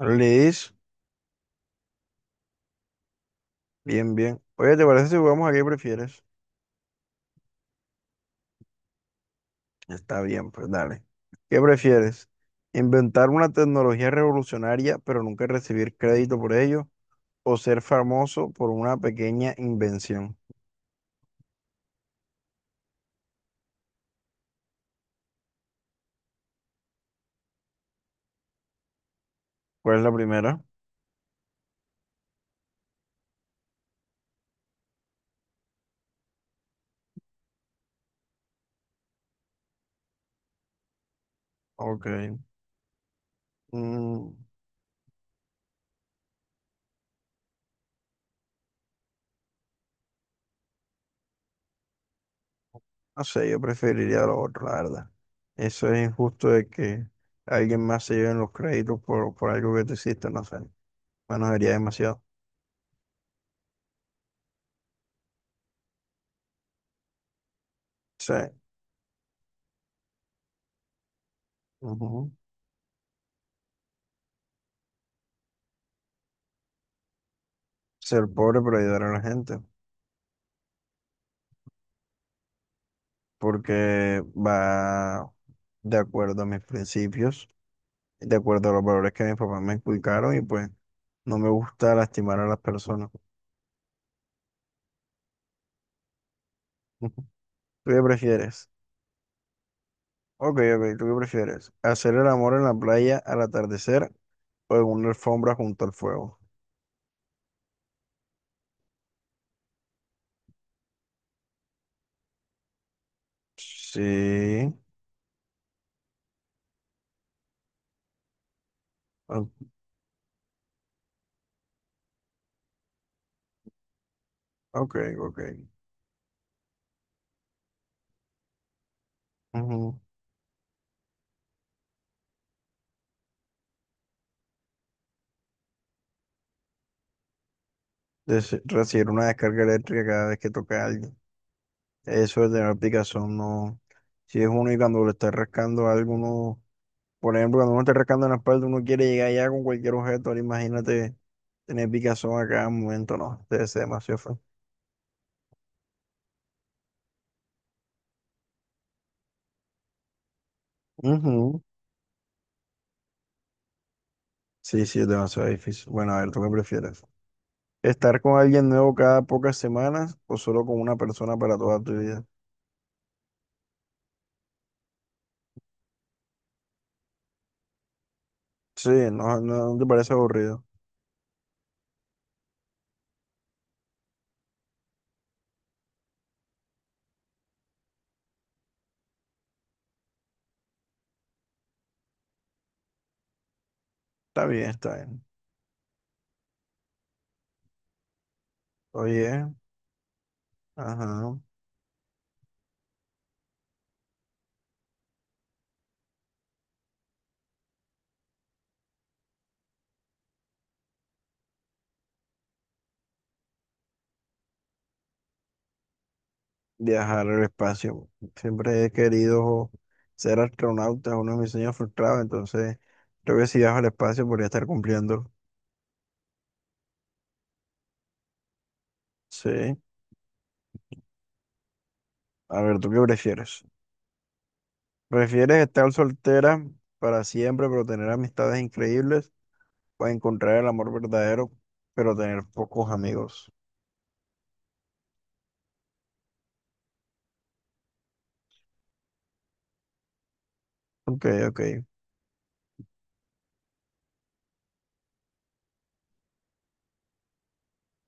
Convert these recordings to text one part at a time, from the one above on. Liz, bien, bien. Oye, ¿te parece si jugamos a qué prefieres? Está bien, pues dale. ¿Qué prefieres? ¿Inventar una tecnología revolucionaria pero nunca recibir crédito por ello? ¿O ser famoso por una pequeña invención? ¿Cuál es la primera? Ok. Mm, no sé, yo preferiría lo otro, la verdad. Eso es injusto de que alguien más se lleve los créditos por algo que tú hiciste, no sé. Bueno, sería demasiado. Sí. Ujú. Ser pobre pero ayudar a la gente. Porque va de acuerdo a mis principios, de acuerdo a los valores que mis papás me inculcaron y pues no me gusta lastimar a las personas. ¿Tú qué prefieres? Ok, ok, ¿tú qué prefieres? ¿Hacer el amor en la playa al atardecer o en una alfombra junto al fuego? Sí. o- Ok, ok. Ujú. Recibir una descarga eléctrica cada vez que toca a alguien. Eso de tener picazón, no. Si es uno y cuando lo está rascando a alguno. Por ejemplo, cuando uno está rascando en la espalda, uno quiere llegar ya con cualquier objeto. Ahora imagínate tener picazón a cada momento, no, debe ser demasiado feo. Ujú. Sí, sí, es demasiado difícil. Bueno, a ver, ¿tú qué prefieres? ¿Estar con alguien nuevo cada pocas semanas o solo con una persona para toda tu vida? Sí, no, no, no te parece aburrido. Está bien, está bien. Oye, ajá. Viajar al espacio. Siempre he querido ser astronauta, es uno de mis sueños frustrados, entonces creo que si viajo al espacio podría estar cumpliendo. Sí. A ver, ¿tú qué prefieres? ¿Prefieres estar soltera para siempre, pero tener amistades increíbles? ¿O encontrar el amor verdadero, pero tener pocos amigos? Ok, ok.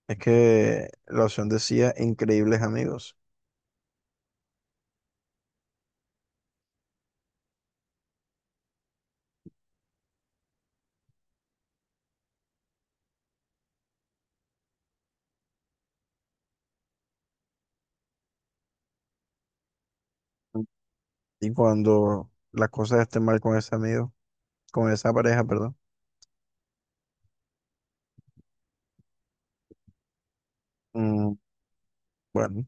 Es que la opción decía increíbles amigos. Y cuando las cosas estén mal con ese amigo, con esa pareja, perdón. Mm, bueno,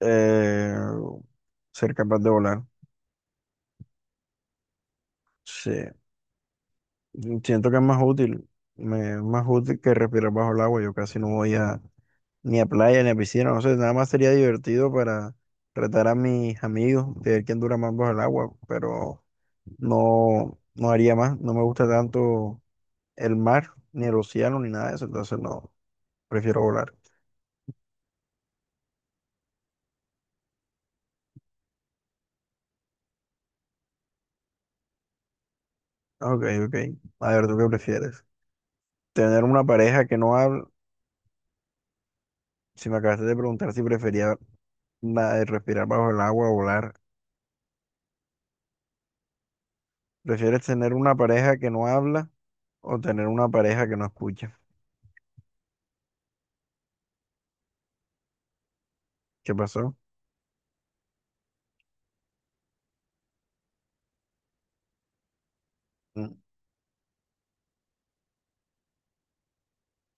eh, ser capaz de volar. Sí. Siento que es más útil. Es más útil que respirar bajo el agua. Yo casi no voy a. Ni a playa, ni a piscina, no sé, nada más sería divertido para retar a mis amigos de ver quién dura más bajo el agua, pero no, no haría más, no me gusta tanto el mar, ni el océano, ni nada de eso, entonces no, prefiero volar. Ah, ok, ok, a ver, ¿tú qué prefieres? Tener una pareja que no habla, si me acabaste de preguntar si prefería nada de respirar bajo el agua o volar, ¿prefieres tener una pareja que no habla o tener una pareja que no escucha? ¿Qué pasó? Mm.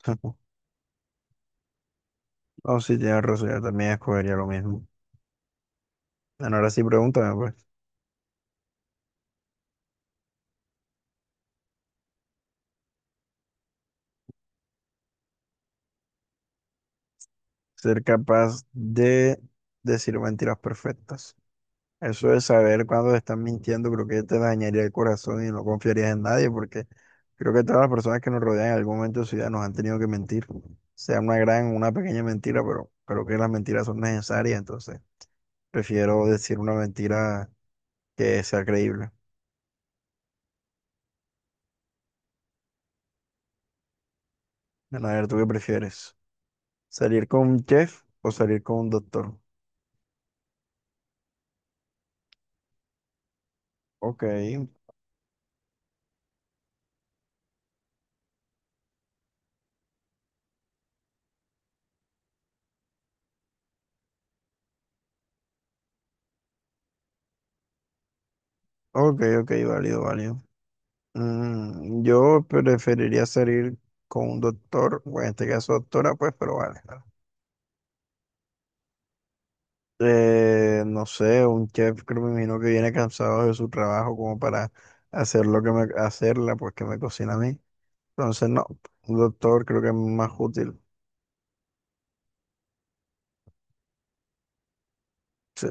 Oh, sí, tienes razón, yo también escogería lo mismo. Bueno, ahora sí pregúntame, pues. Ser capaz de decir mentiras perfectas. Eso de saber cuándo te están mintiendo, creo que te dañaría el corazón y no confiarías en nadie, porque creo que todas las personas que nos rodean en algún momento de su vida nos han tenido que mentir. Sea una gran o una pequeña mentira, pero creo que las mentiras son necesarias, entonces prefiero decir una mentira que sea creíble. Bueno, a ver, ¿tú qué prefieres? ¿Salir con un chef o salir con un doctor? Ok. Ok, ok, válido, válido. Mm, yo preferiría salir con un doctor, o en este caso doctora, pues, pero vale. No sé, un chef que me imagino que viene cansado de su trabajo como para hacerla, pues que me cocina a mí. Entonces, no, un doctor creo que es más útil. Sí.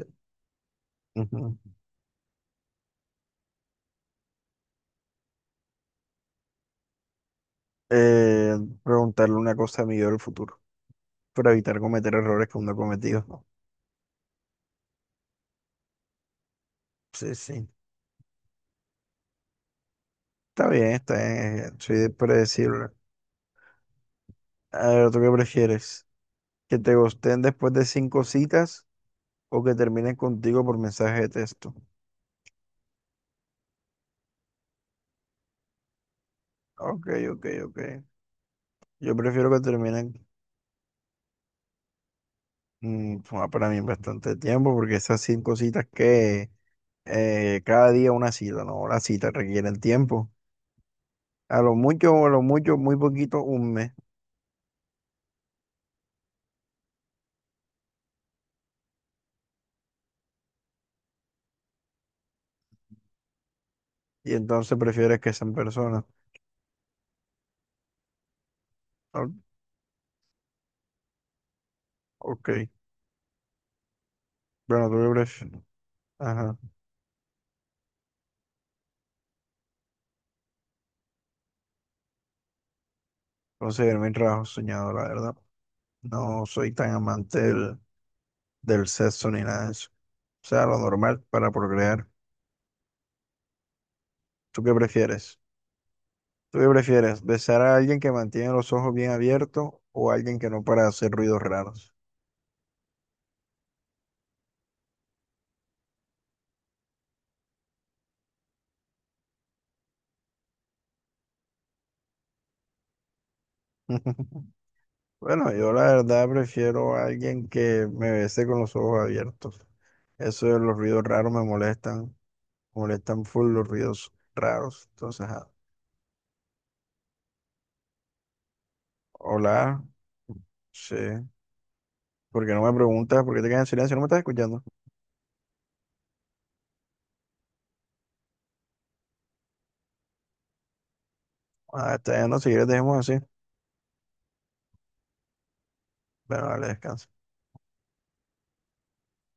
Ujú. Eh, Preguntarle una cosa a mí yo del futuro, para evitar cometer errores que uno ha cometido. ¿No? Sí, sí. Está bien, soy predecible. A ver, ¿tú qué prefieres? Que te gusten después de cinco citas o que terminen contigo por mensaje de texto. Ok, ok, ok. Yo prefiero que terminen. Mm, fue para mí bastante tiempo porque esas cinco citas que cada día una cita, ¿no? Las citas requieren tiempo. A lo mucho o a lo mucho, muy poquito, un mes. Y entonces prefieres que sean personas. O- Ok. Bueno, tú lo prefieres. Ajá. Conseguir mi trabajo soñado, la verdad. No soy tan amante del sexo ni nada de eso. O sea, lo normal para procrear. ¿Tú qué prefieres? ¿Tú qué prefieres? ¿Besar a alguien que mantiene los ojos bien abiertos o a alguien que no para de hacer ruidos raros? Bueno, yo la verdad prefiero a alguien que me bese con los ojos abiertos. Eso de los ruidos raros me molestan. Molestan full los ruidos raros. Entonces, ajá. Hola. Sí. ¿Por qué no me preguntas? ¿Por qué te quedas en silencio? ¿No me estás escuchando? Ah, está bien, no, si quieres dejemos así. Bueno, vale, descansa.